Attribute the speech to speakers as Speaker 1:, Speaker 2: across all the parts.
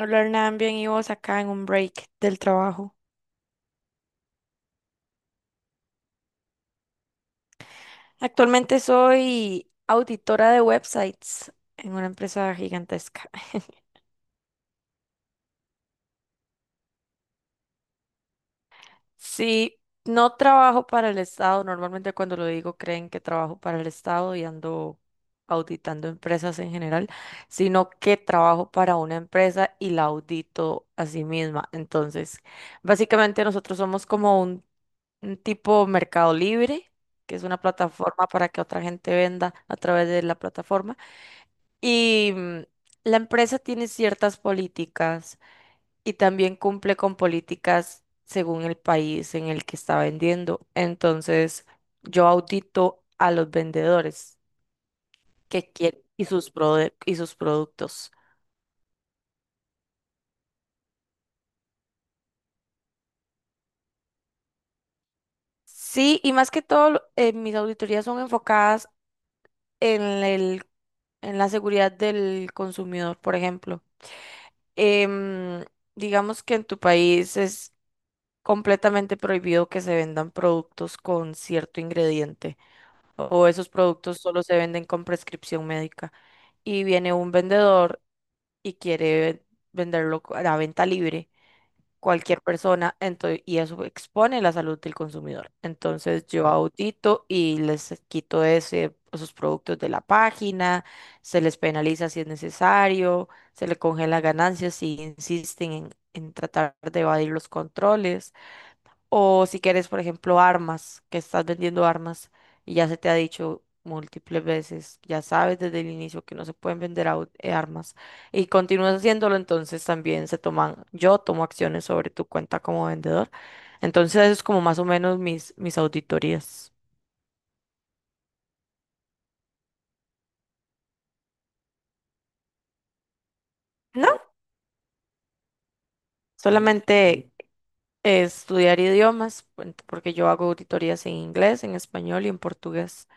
Speaker 1: Hola Hernán, bien y vos acá en un break del trabajo. Actualmente soy auditora de websites en una empresa gigantesca. Sí, no trabajo para el Estado. Normalmente cuando lo digo creen que trabajo para el Estado y ando auditando empresas en general, sino que trabajo para una empresa y la audito a sí misma. Entonces, básicamente nosotros somos como un tipo Mercado Libre, que es una plataforma para que otra gente venda a través de la plataforma. Y la empresa tiene ciertas políticas y también cumple con políticas según el país en el que está vendiendo. Entonces, yo audito a los vendedores que quieren y y sus productos. Sí, y más que todo, mis auditorías son enfocadas en el, en la seguridad del consumidor, por ejemplo. em, digamos que en tu país es completamente prohibido que se vendan productos con cierto ingrediente o esos productos solo se venden con prescripción médica, y viene un vendedor y quiere venderlo a la venta libre cualquier persona, entonces, y eso expone la salud del consumidor. Entonces yo audito y les quito esos productos de la página, se les penaliza si es necesario, se les congela ganancias si insisten en tratar de evadir los controles. O si quieres, por ejemplo, armas, que estás vendiendo armas y ya se te ha dicho múltiples veces, ya sabes desde el inicio que no se pueden vender armas y continúas haciéndolo, entonces también se toman, yo tomo acciones sobre tu cuenta como vendedor. Entonces eso es como más o menos mis auditorías. No, solamente estudiar idiomas, porque yo hago auditorías en inglés, en español y en portugués.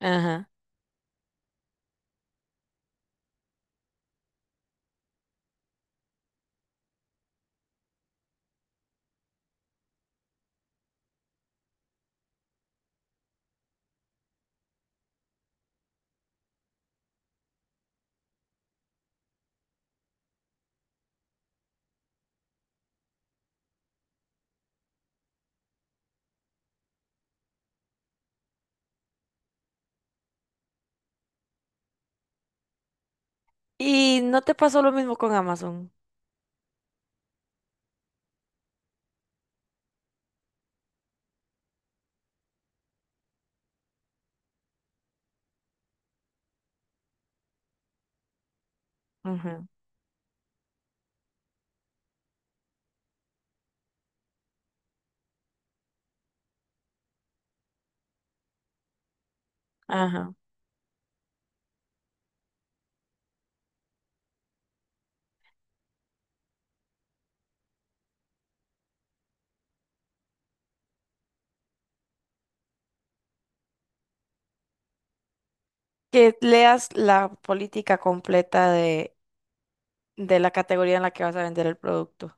Speaker 1: Ajá. Y no te pasó lo mismo con Amazon. Ujú. Ajá. Que leas la política completa de la categoría en la que vas a vender el producto,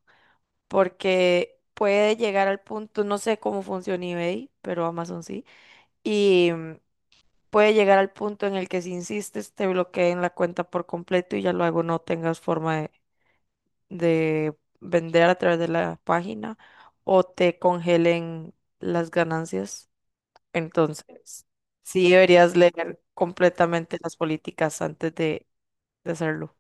Speaker 1: porque puede llegar al punto, no sé cómo funciona eBay, pero Amazon sí, y puede llegar al punto en el que si insistes te bloqueen la cuenta por completo y ya luego no tengas forma de vender a través de la página o te congelen las ganancias. Entonces, sí deberías leer completamente las políticas antes de hacerlo.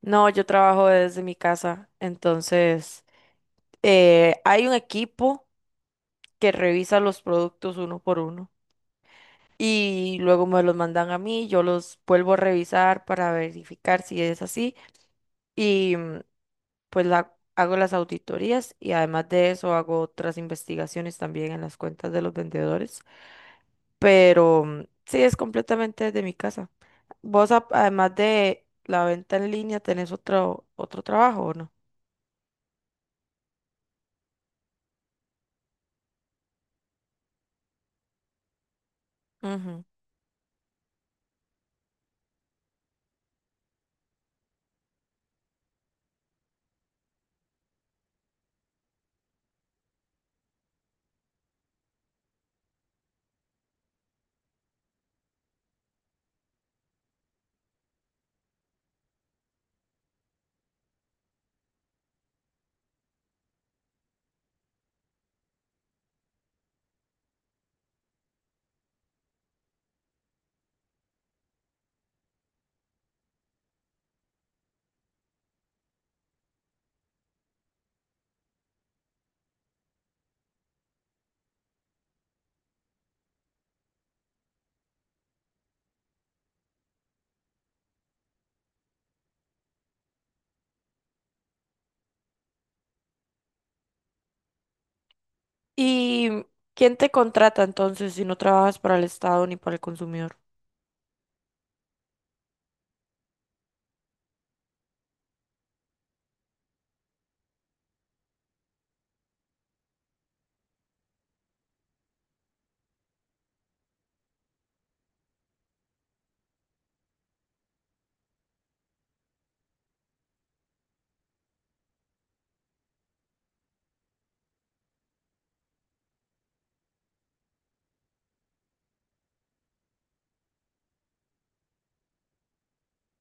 Speaker 1: No, yo trabajo desde mi casa, entonces hay un equipo que revisa los productos uno por uno y luego me los mandan a mí, yo los vuelvo a revisar para verificar si es así, y pues hago las auditorías, y además de eso hago otras investigaciones también en las cuentas de los vendedores, pero sí, es completamente desde mi casa. ¿Vos además de la venta en línea tenés otro trabajo o no? ¿Y quién te contrata entonces si no trabajas para el Estado ni para el consumidor?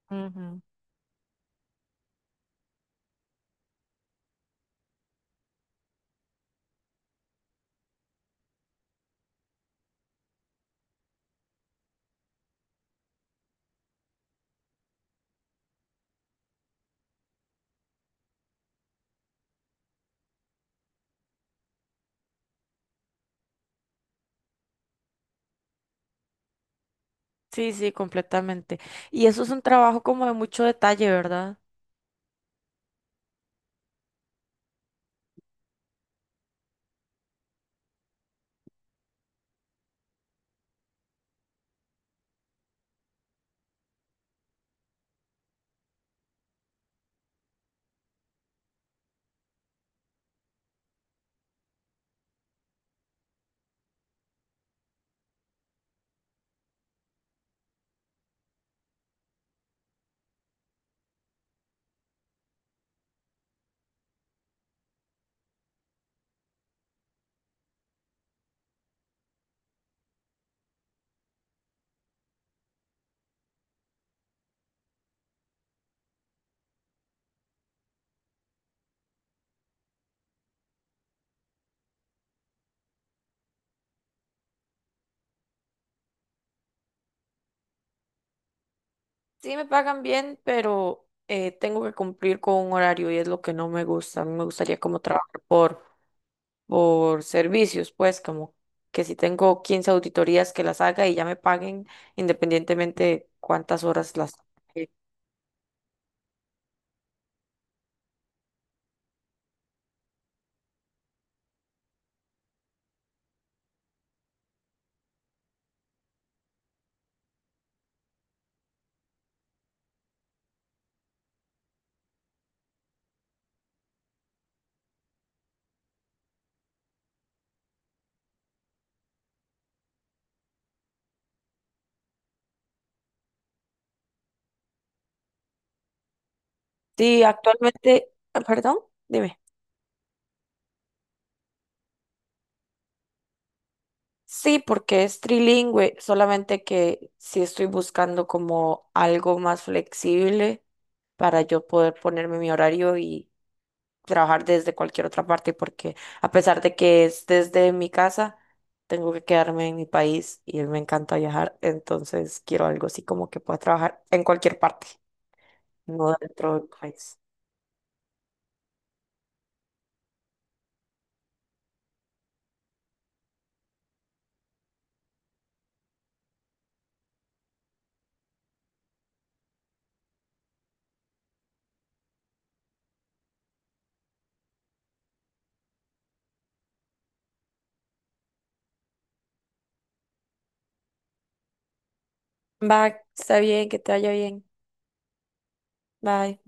Speaker 1: Ujú. Sí, sí, completamente. Y eso es un trabajo como de mucho detalle, ¿verdad? Sí, me pagan bien, pero tengo que cumplir con un horario y es lo que no me gusta. A mí me gustaría como trabajar por servicios, pues como que si tengo 15 auditorías que las haga y ya me paguen independientemente cuántas horas las... eh, Sí, actualmente, ah, perdón, dime. Sí, porque es trilingüe, solamente que sí estoy buscando como algo más flexible para yo poder ponerme mi horario y trabajar desde cualquier otra parte, porque a pesar de que es desde mi casa, tengo que quedarme en mi país y me encanta viajar, entonces quiero algo así como que pueda trabajar en cualquier parte, no dentro del país. Va, está bien, que te vaya bien. Bye.